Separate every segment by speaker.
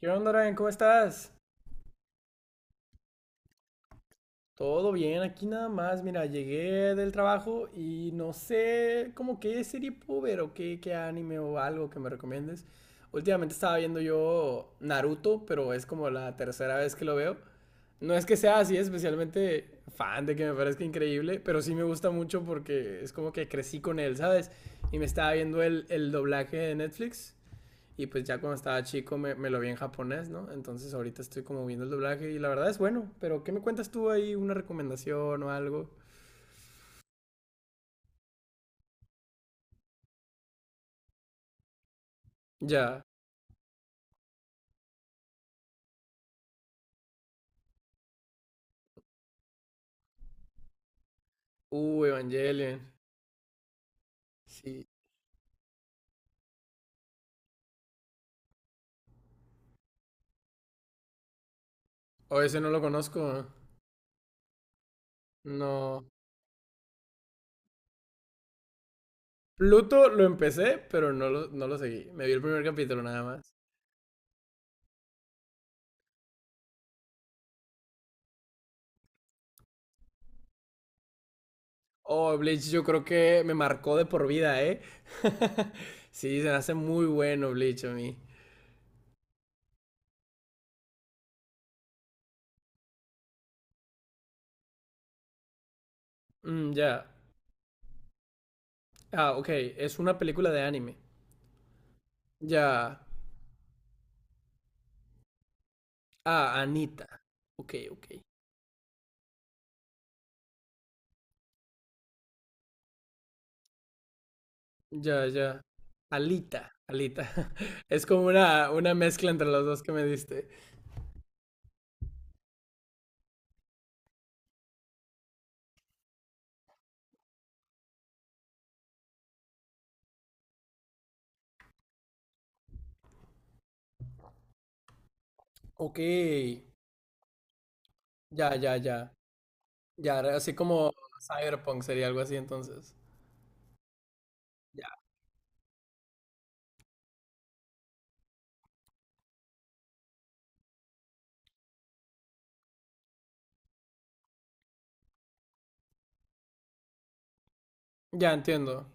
Speaker 1: ¿Qué onda, Ryan? ¿Cómo estás? Todo bien, aquí nada más. Mira, llegué del trabajo y no sé como qué serie puedo ver o qué anime o algo que me recomiendes. Últimamente estaba viendo yo Naruto, pero es como la tercera vez que lo veo. No es que sea así especialmente fan de que me parezca increíble, pero sí me gusta mucho porque es como que crecí con él, ¿sabes? Y me estaba viendo el doblaje de Netflix. Y pues ya cuando estaba chico lo vi en japonés, ¿no? Entonces ahorita estoy como viendo el doblaje y la verdad es bueno. Pero ¿qué me cuentas tú ahí? ¿Una recomendación o algo? Ya. Evangelion. Sí. O ese no lo conozco. No. Pluto lo empecé, pero no lo seguí. Me vi el primer capítulo nada más. Oh, Bleach yo creo que me marcó de por vida, ¿eh? Sí, se me hace muy bueno Bleach a mí. Mm, ya. Ah, ok. Es una película de anime. Ya. Ah, Anita. Ok, ok. Ya, ya. Alita, Alita. Es como una mezcla entre los dos que me diste. Ok. Ya, ya, ya. Ya, así como Cyberpunk sería algo así entonces. Ya, ya entiendo.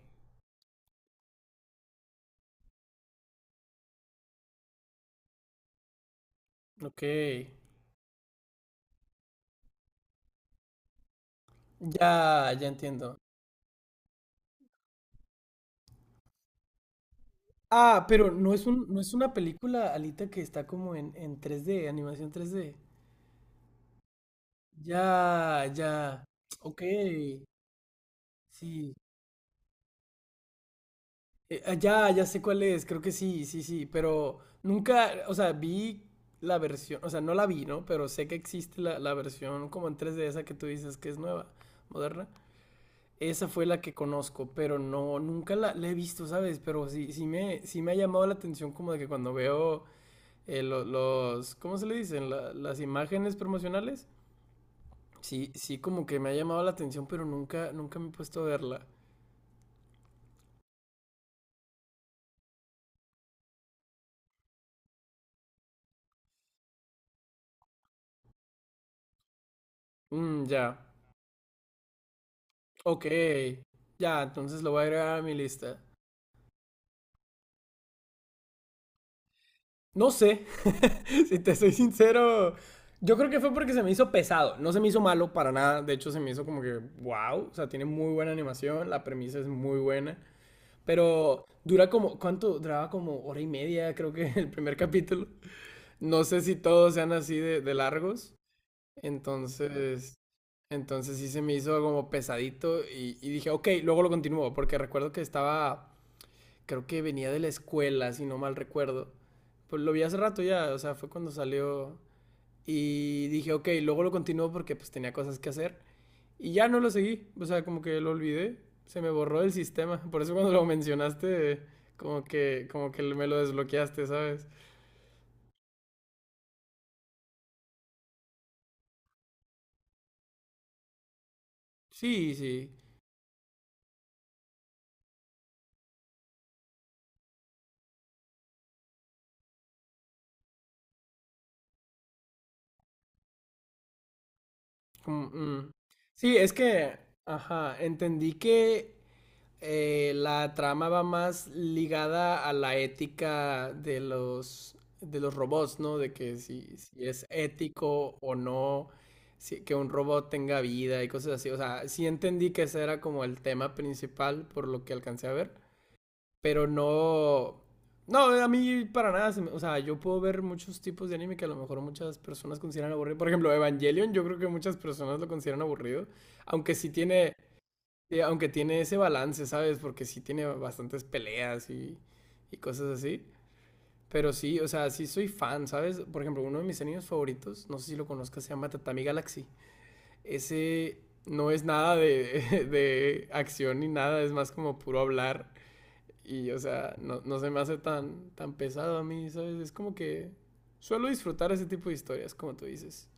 Speaker 1: Ok. Ya, ya entiendo. Ah, pero no es un, no es una película, Alita, que está como en 3D, animación 3D. Ya, ya. Ok. Sí. Ya, ya sé cuál es, creo que sí, sí, sí, pero nunca, o sea, vi la versión, o sea, no la vi, ¿no? Pero sé que existe la versión como en tres d esa que tú dices que es nueva, moderna. Esa fue la que conozco, pero no, nunca la he visto, ¿sabes? Pero sí, sí me ha llamado la atención como de que cuando veo los, ¿cómo se le dicen? Las imágenes promocionales, sí, sí como que me ha llamado la atención, pero nunca, nunca me he puesto a verla. Mm, ya. Ok, ya, entonces lo voy a agregar a mi lista. No sé, si te soy sincero, yo creo que fue porque se me hizo pesado, no se me hizo malo para nada, de hecho se me hizo como que, wow, o sea, tiene muy buena animación, la premisa es muy buena, pero dura como, ¿cuánto? Duraba como hora y media, creo que el primer capítulo. No sé si todos sean así de largos, entonces... Entonces sí se me hizo como pesadito y dije, ok, luego lo continúo, porque recuerdo que estaba creo que venía de la escuela, si no mal recuerdo. Pues lo vi hace rato ya, o sea, fue cuando salió y dije, ok, luego lo continuo porque pues tenía cosas que hacer y ya no lo seguí, o sea, como que lo olvidé, se me borró del sistema, por eso cuando lo mencionaste, como que me lo desbloqueaste, ¿sabes? Sí, sí, como, mm. Sí, es que, ajá, entendí que la trama va más ligada a la ética de los robots, ¿no? De que si, si es ético o no, que un robot tenga vida y cosas así. O sea, sí entendí que ese era como el tema principal por lo que alcancé a ver, pero no... No, a mí para nada, o sea, yo puedo ver muchos tipos de anime que a lo mejor muchas personas consideran aburrido. Por ejemplo, Evangelion, yo creo que muchas personas lo consideran aburrido, aunque sí tiene. Sí, aunque tiene ese balance, ¿sabes? Porque sí tiene bastantes peleas y cosas así. Pero sí, o sea, sí soy fan, ¿sabes? Por ejemplo, uno de mis animes favoritos, no sé si lo conozcas, se llama Tatami Galaxy. Ese no es nada de, de acción ni nada, es más como puro hablar. Y, o sea, no, no se me hace tan pesado a mí, ¿sabes? Es como que suelo disfrutar ese tipo de historias, como tú dices.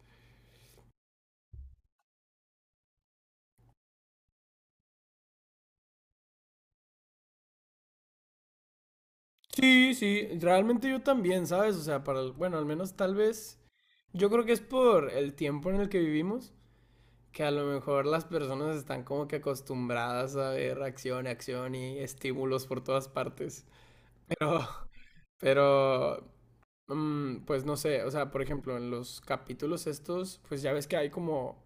Speaker 1: Sí, sí, realmente yo también, ¿sabes? O sea, para, bueno, al menos tal vez yo creo que es por el tiempo en el que vivimos, que a lo mejor las personas están como que acostumbradas a ver acción, acción y estímulos por todas partes. Pero, pero, pues no sé, o sea, por ejemplo, en los capítulos estos, pues ya ves que hay como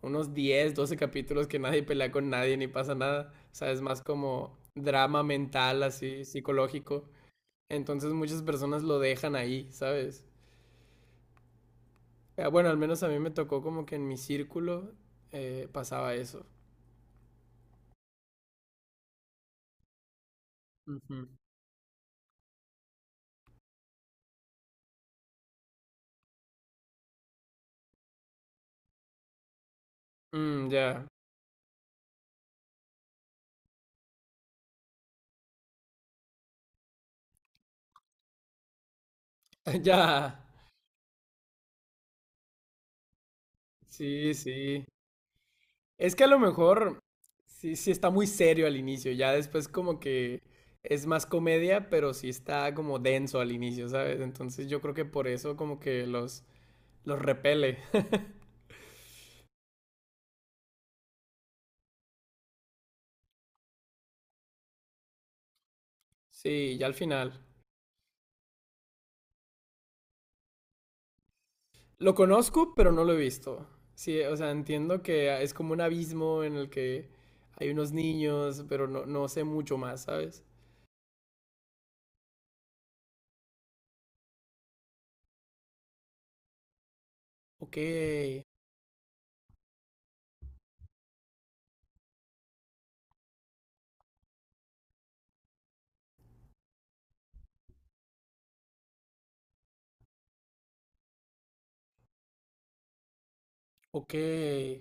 Speaker 1: unos 10, 12 capítulos que nadie pelea con nadie ni pasa nada. O sea, es más como drama mental, así, psicológico. Entonces muchas personas lo dejan ahí, ¿sabes? Ah, bueno, al menos a mí me tocó como que en mi círculo pasaba eso. Ujú. Mm, ya, ya. Sí, sí. Es que a lo mejor sí, sí está muy serio al inicio, ya después como que es más comedia, pero sí está como denso al inicio, ¿sabes? Entonces yo creo que por eso como que los repele. Sí, ya al final. Lo conozco, pero no lo he visto. Sí, o sea, entiendo que es como un abismo en el que hay unos niños, pero no, no sé mucho más, ¿sabes? Ok, ok.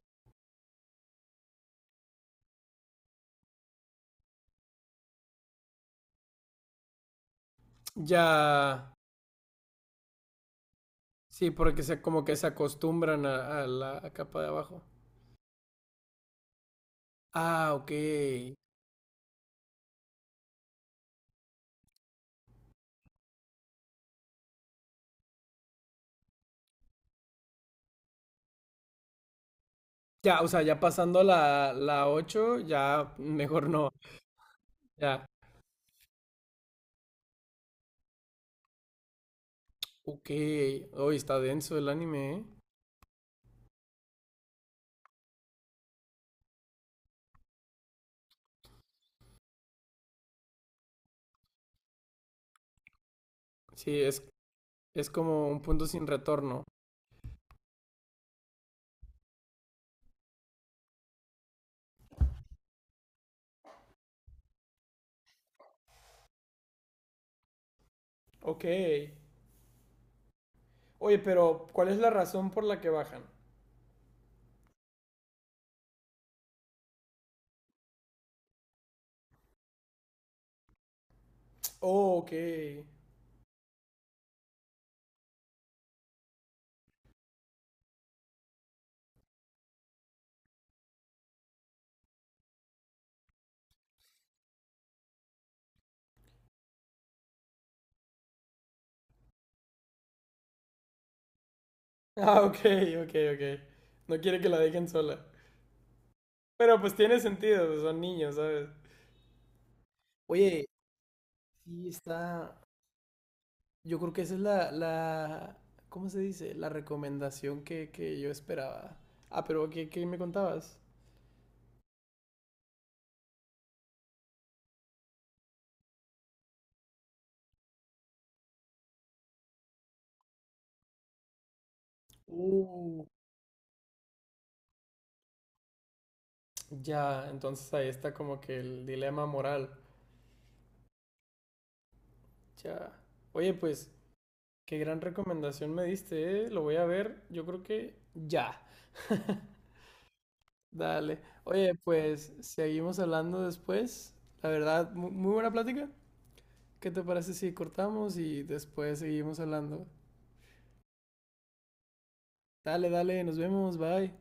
Speaker 1: Ya. Sí, porque se, como que se acostumbran a la capa de abajo. Ah, ok. Ya, o sea, ya pasando la 8, ya mejor no. Ya. Ok. Hoy está denso el anime, ¿eh? Sí, es como un punto sin retorno. Ok. Oye, pero ¿cuál es la razón por la que bajan? Oh, ok. Ah, ok, ok, ok. No quiere que la dejen sola. Pero pues tiene sentido, pues, son niños, ¿sabes? Oye, sí está. Yo creo que esa es la, la... ¿Cómo se dice? La recomendación que yo esperaba. Ah, pero qué me contabas? Uh, ya, entonces ahí está como que el dilema moral. Ya. Oye, pues, qué gran recomendación me diste, ¿eh? Lo voy a ver, yo creo que ya. Dale. Oye, pues seguimos hablando después. La verdad, muy buena plática. ¿Qué te parece si cortamos y después seguimos hablando? Dale, dale, nos vemos, bye.